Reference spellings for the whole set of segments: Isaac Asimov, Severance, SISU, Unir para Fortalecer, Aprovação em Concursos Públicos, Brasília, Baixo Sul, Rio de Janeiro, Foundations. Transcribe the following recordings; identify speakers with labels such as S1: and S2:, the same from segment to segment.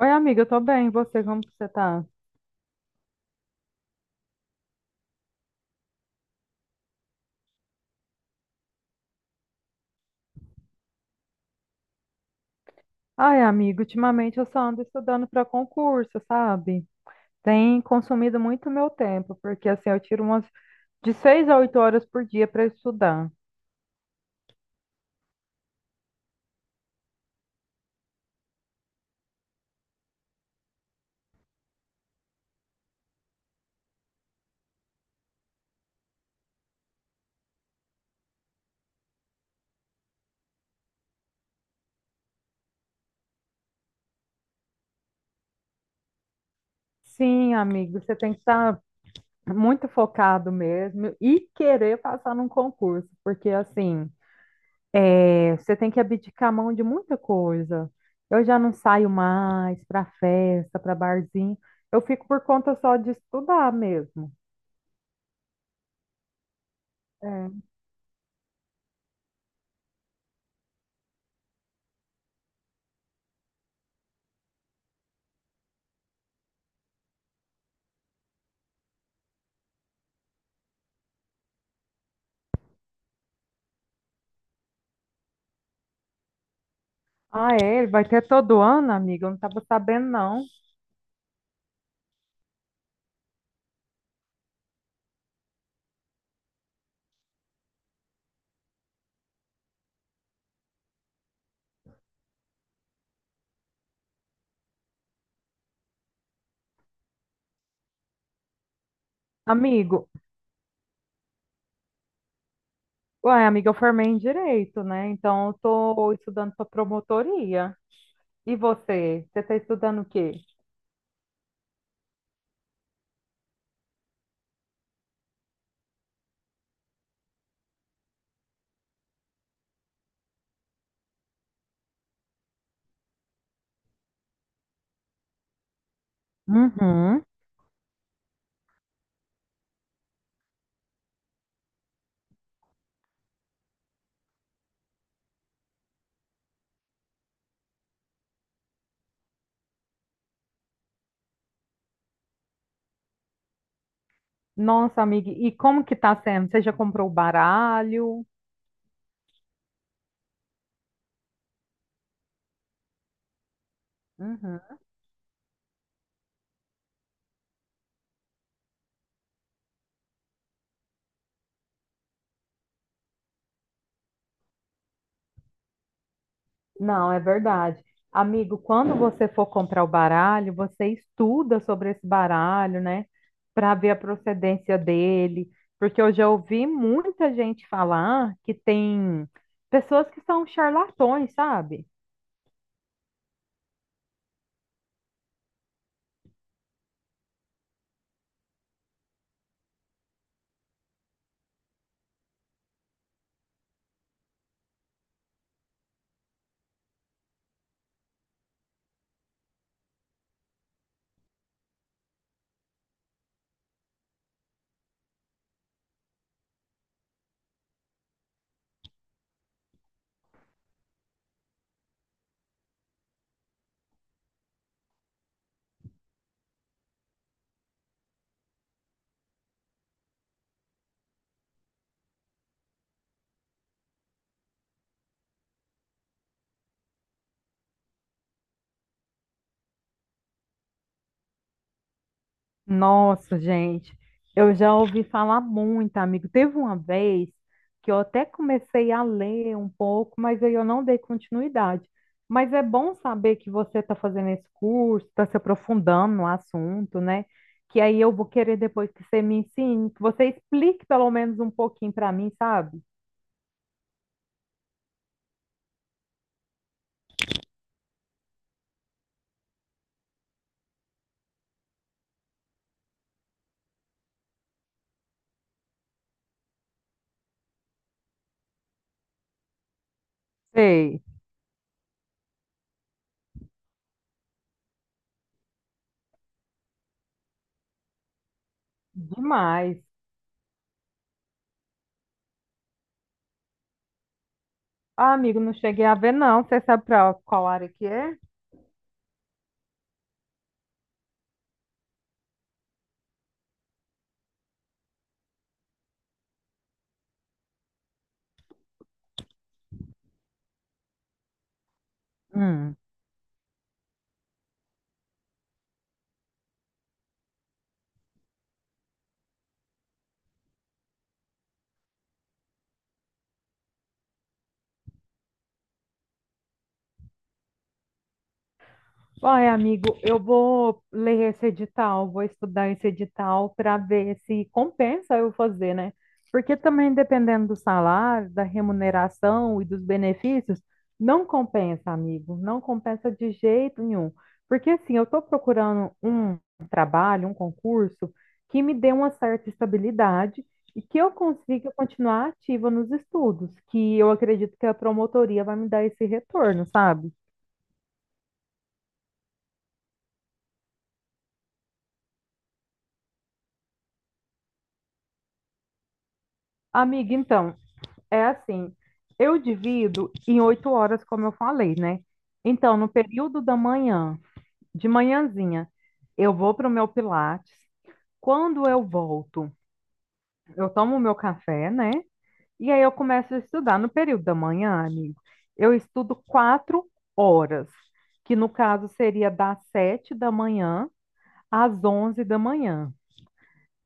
S1: Oi, amiga, eu tô bem. E você, como que você tá? Ai, amiga, ultimamente eu só ando estudando para concurso, sabe? Tem consumido muito meu tempo, porque assim, eu tiro umas de 6 a 8 horas por dia para estudar. Sim, amigo, você tem que estar muito focado mesmo e querer passar num concurso, porque assim, você tem que abdicar a mão de muita coisa. Eu já não saio mais para festa, para barzinho. Eu fico por conta só de estudar mesmo. É. Ah, é? Ele vai ter todo ano, amiga? Eu não estava sabendo, não. Amigo, ué, amiga, eu formei em direito, né? Então, eu tô estudando para promotoria. E você? Você está estudando o quê? Uhum. Nossa, amiga, e como que tá sendo? Você já comprou o baralho? Uhum. Não, é verdade. Amigo, quando você for comprar o baralho, você estuda sobre esse baralho, né? Para ver a procedência dele. Porque eu já ouvi muita gente falar que tem pessoas que são charlatões, sabe? Nossa, gente, eu já ouvi falar muito, amigo. Teve uma vez que eu até comecei a ler um pouco, mas aí eu não dei continuidade. Mas é bom saber que você está fazendo esse curso, está se aprofundando no assunto, né? Que aí eu vou querer depois que você me ensine, que você explique pelo menos um pouquinho para mim, sabe? Sei, demais. Ah, amigo, não cheguei a ver, não. Você sabe para qual área que é? Hum. Ai, amigo, eu vou ler esse edital, vou estudar esse edital para ver se compensa eu fazer, né? Porque também dependendo do salário, da remuneração e dos benefícios, não compensa, amigo, não compensa de jeito nenhum. Porque assim, eu estou procurando um trabalho, um concurso que me dê uma certa estabilidade e que eu consiga continuar ativa nos estudos, que eu acredito que a promotoria vai me dar esse retorno, sabe? Amiga, então, é assim, eu divido em 8 horas, como eu falei, né? Então, no período da manhã, de manhãzinha, eu vou para o meu Pilates. Quando eu volto, eu tomo o meu café, né? E aí eu começo a estudar. No período da manhã, amigo, eu estudo 4 horas, que no caso seria das 7 da manhã às 11 da manhã.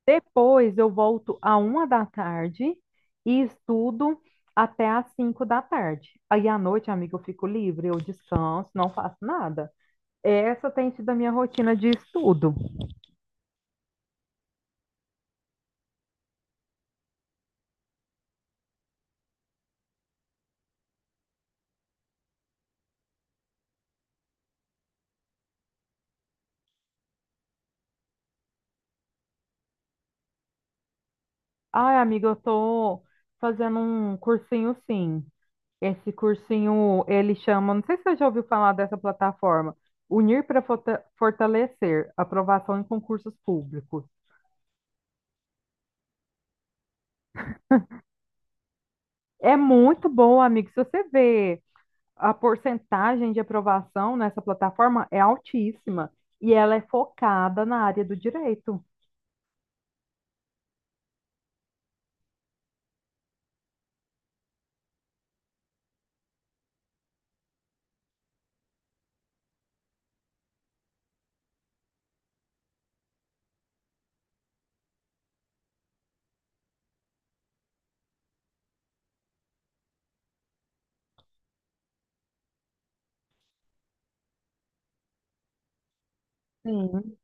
S1: Depois eu volto à uma da tarde e estudo até às 5 da tarde. Aí à noite, amiga, eu fico livre, eu descanso, não faço nada. Essa tem sido a minha rotina de estudo. Ai, amiga, eu tô fazendo um cursinho, sim. Esse cursinho, ele chama, não sei se você já ouviu falar dessa plataforma, Unir para Forta- Fortalecer, Aprovação em Concursos Públicos. É muito bom, amigo. Se você vê a porcentagem de aprovação nessa plataforma é altíssima e ela é focada na área do direito. Sim.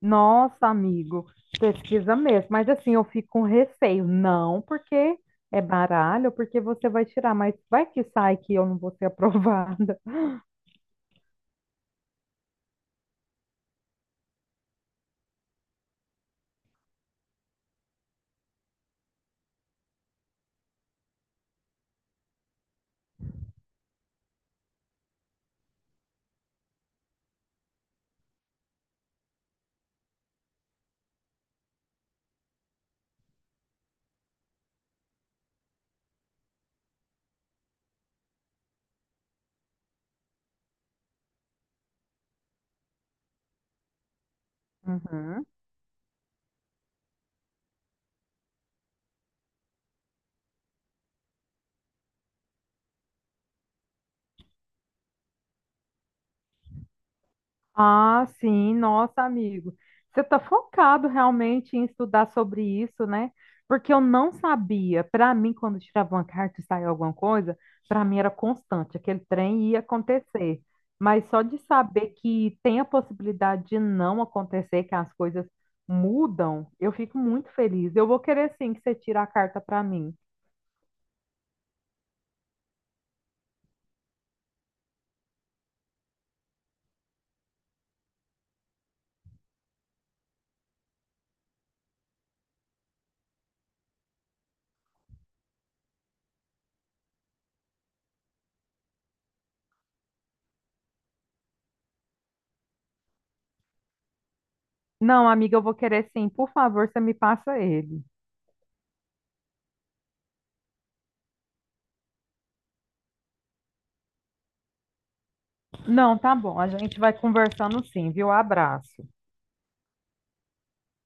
S1: Nossa, amigo, pesquisa mesmo. Mas assim, eu fico com receio. Não porque é baralho, porque você vai tirar, mas vai que sai que eu não vou ser aprovada. Uhum. Ah, sim, nossa, amigo. Você está focado realmente em estudar sobre isso, né? Porque eu não sabia. Para mim, quando tirava uma carta e saía alguma coisa, para mim era constante, aquele trem ia acontecer. Mas só de saber que tem a possibilidade de não acontecer, que as coisas mudam, eu fico muito feliz. Eu vou querer sim que você tire a carta para mim. Não, amiga, eu vou querer sim. Por favor, você me passa ele. Não, tá bom. A gente vai conversando sim, viu? Abraço.